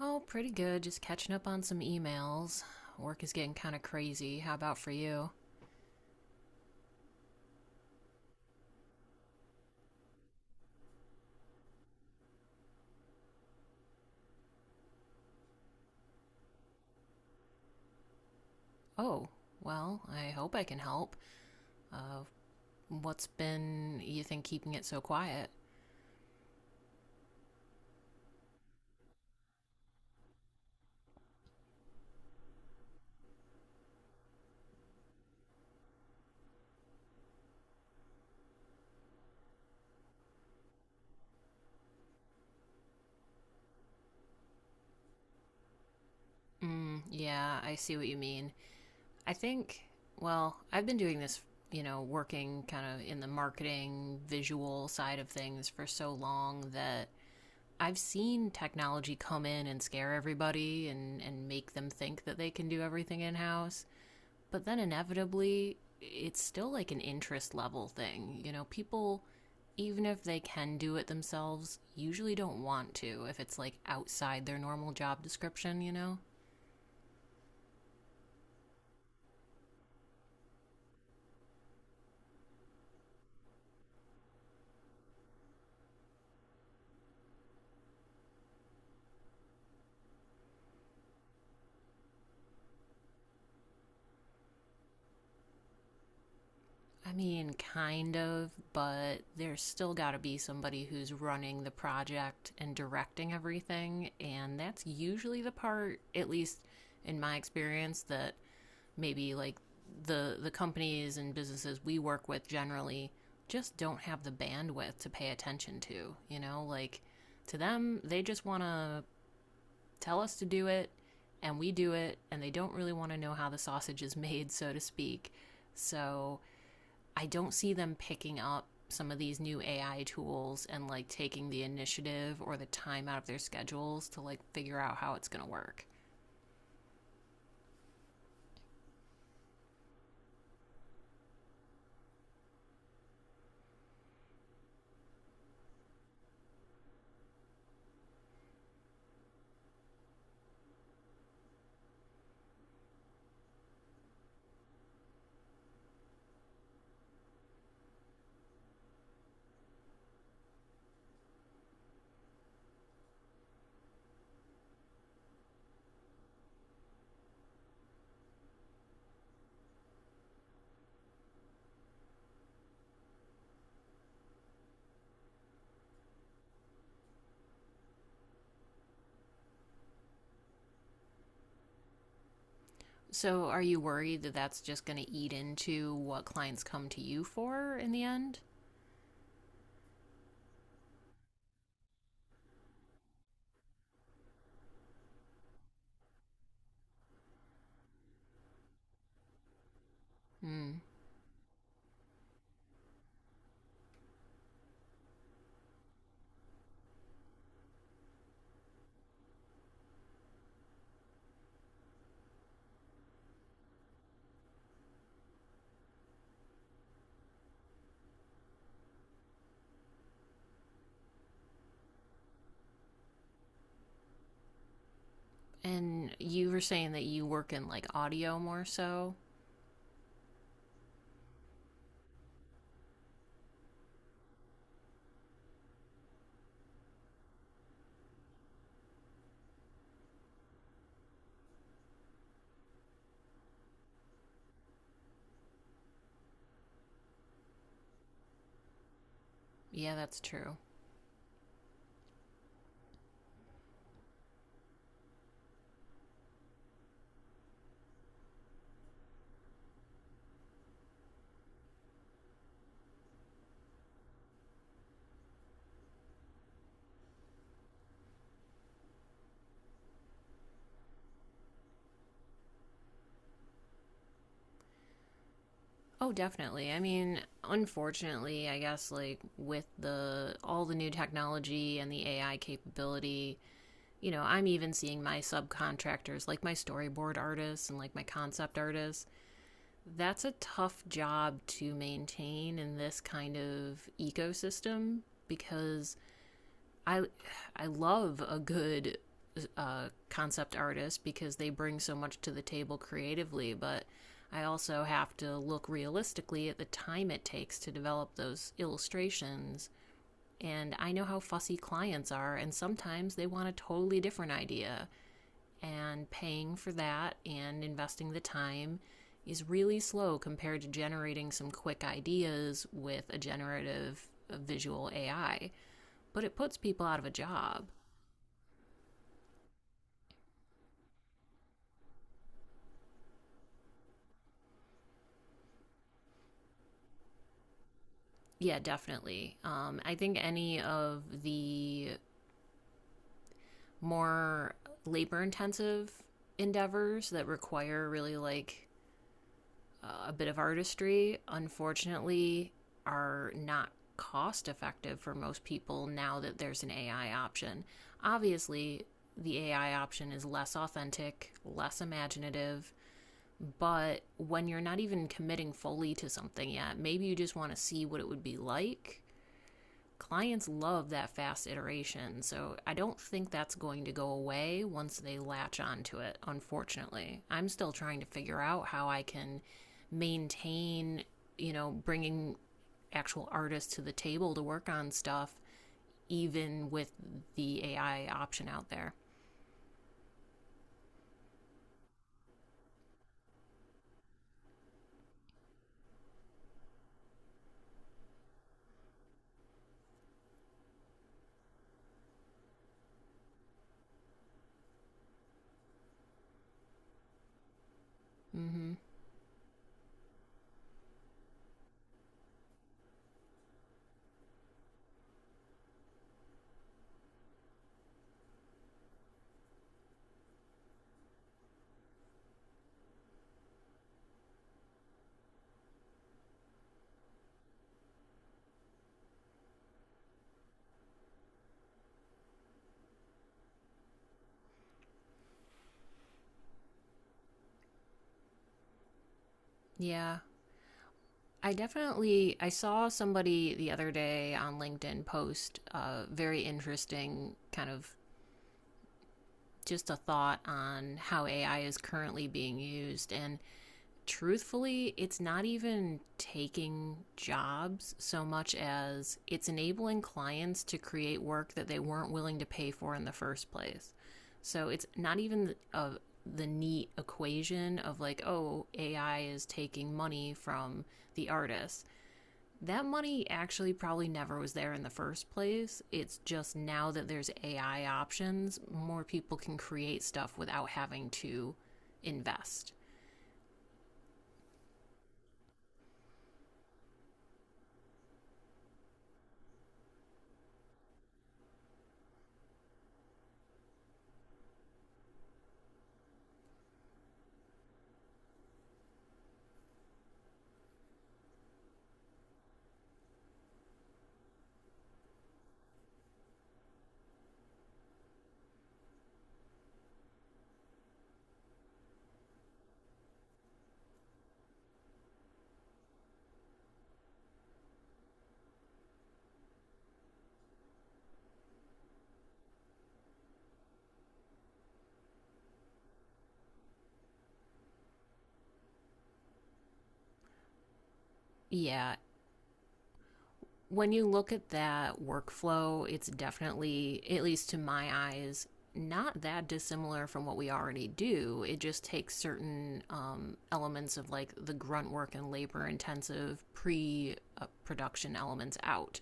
Oh, pretty good. Just catching up on some emails. Work is getting kind of crazy. How about for you? Oh, well, I hope I can help. Uh, what's been, you think, keeping it so quiet? Mm, yeah, I see what you mean. I think, well, I've been doing this, you know, working kind of in the marketing, visual side of things for so long that I've seen technology come in and scare everybody and, make them think that they can do everything in house. But then inevitably it's still like an interest level thing. You know, people even if they can do it themselves, usually don't want to if it's like outside their normal job description, you know? I mean, kind of, but there's still got to be somebody who's running the project and directing everything, and that's usually the part, at least in my experience, that maybe like the companies and businesses we work with generally just don't have the bandwidth to pay attention to, you know? Like to them, they just want to tell us to do it and we do it and they don't really want to know how the sausage is made, so to speak. So, I don't see them picking up some of these new AI tools and like taking the initiative or the time out of their schedules to like figure out how it's going to work. So, are you worried that that's just going to eat into what clients come to you for in the end? Mm. And you were saying that you work in like audio more so. Yeah, that's true. Oh, definitely. I mean, unfortunately, I guess like with the all the new technology and the AI capability, you know, I'm even seeing my subcontractors, like my storyboard artists and like my concept artists. That's a tough job to maintain in this kind of ecosystem because I I love a good concept artist because they bring so much to the table creatively, but I also have to look realistically at the time it takes to develop those illustrations. And I know how fussy clients are, and sometimes they want a totally different idea and paying for that and investing the time is really slow compared to generating some quick ideas with a generative visual AI, but it puts people out of a job. Yeah, definitely. I think any of the more labor intensive endeavors that require really like a bit of artistry, unfortunately, are not cost effective for most people now that there's an AI option. Obviously, the AI option is less authentic, less imaginative, but when you're not even committing fully to something yet, maybe you just want to see what it would be like. Clients love that fast iteration. So I don't think that's going to go away once they latch onto it, unfortunately. I'm still trying to figure out how I can maintain, you know, bringing actual artists to the table to work on stuff, even with the AI option out there. Mm-hmm. Yeah. I saw somebody the other day on LinkedIn post a very interesting kind of just a thought on how AI is currently being used. And truthfully, it's not even taking jobs so much as it's enabling clients to create work that they weren't willing to pay for in the first place. So it's not even the neat equation of like, oh, AI is taking money from the artist. That money actually probably never was there in the first place. It's just now that there's AI options, more people can create stuff without having to invest. Yeah. When you look at that workflow, it's definitely, at least to my eyes, not that dissimilar from what we already do. It just takes certain elements of like the grunt work and labor intensive pre production elements out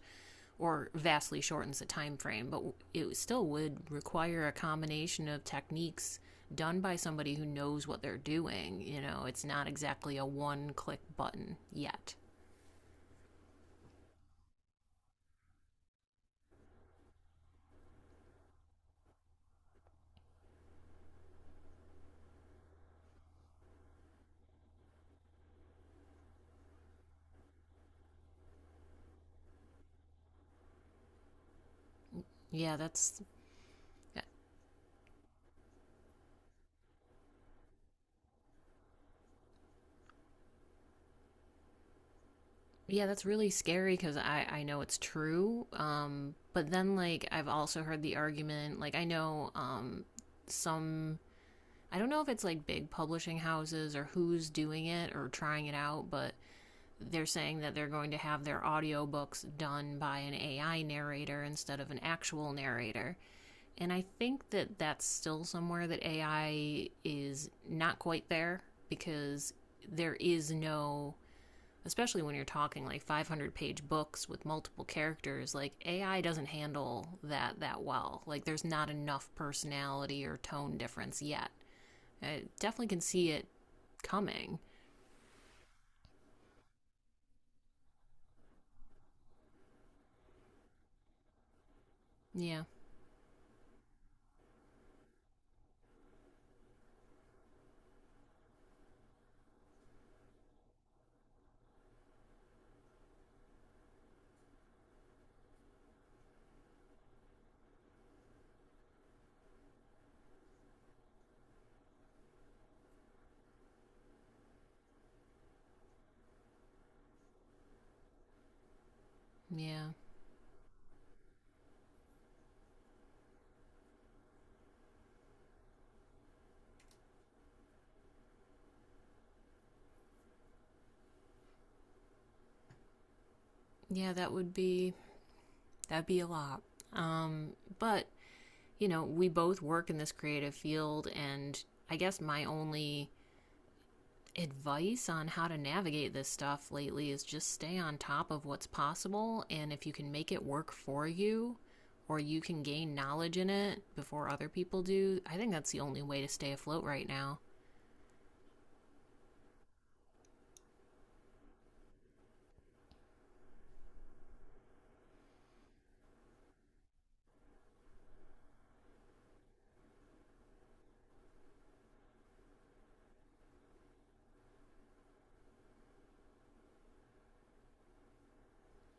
or vastly shortens the time frame, but it still would require a combination of techniques done by somebody who knows what they're doing. You know, it's not exactly a one click button yet. Yeah, that's. Yeah, that's really scary because I know it's true. But then, like, I've also heard the argument, like, I know some, I don't know if it's like big publishing houses or who's doing it or trying it out, but they're saying that they're going to have their audiobooks done by an AI narrator instead of an actual narrator. And I think that that's still somewhere that AI is not quite there because there is no, especially when you're talking like 500-page books with multiple characters, like AI doesn't handle that well. Like there's not enough personality or tone difference yet. I definitely can see it coming. Yeah. Yeah. Yeah, that would be, that'd be a lot. um but, you know, we both work in this creative field, and I guess my only advice on how to navigate this stuff lately is just stay on top of what's possible, and if you can make it work for you or you can gain knowledge in it before other people do, I think that's the only way to stay afloat right now.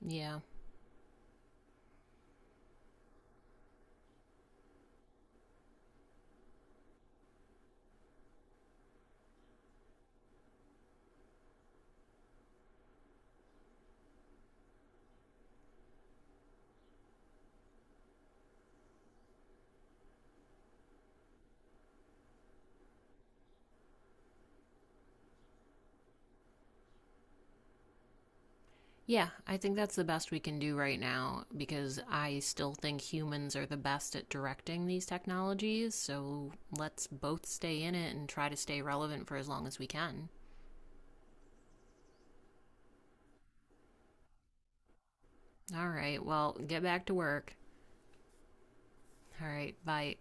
Yeah. Yeah, I think that's the best we can do right now because I still think humans are the best at directing these technologies, so let's both stay in it and try to stay relevant for as long as we can. All right, well, get back to work. All right, bye.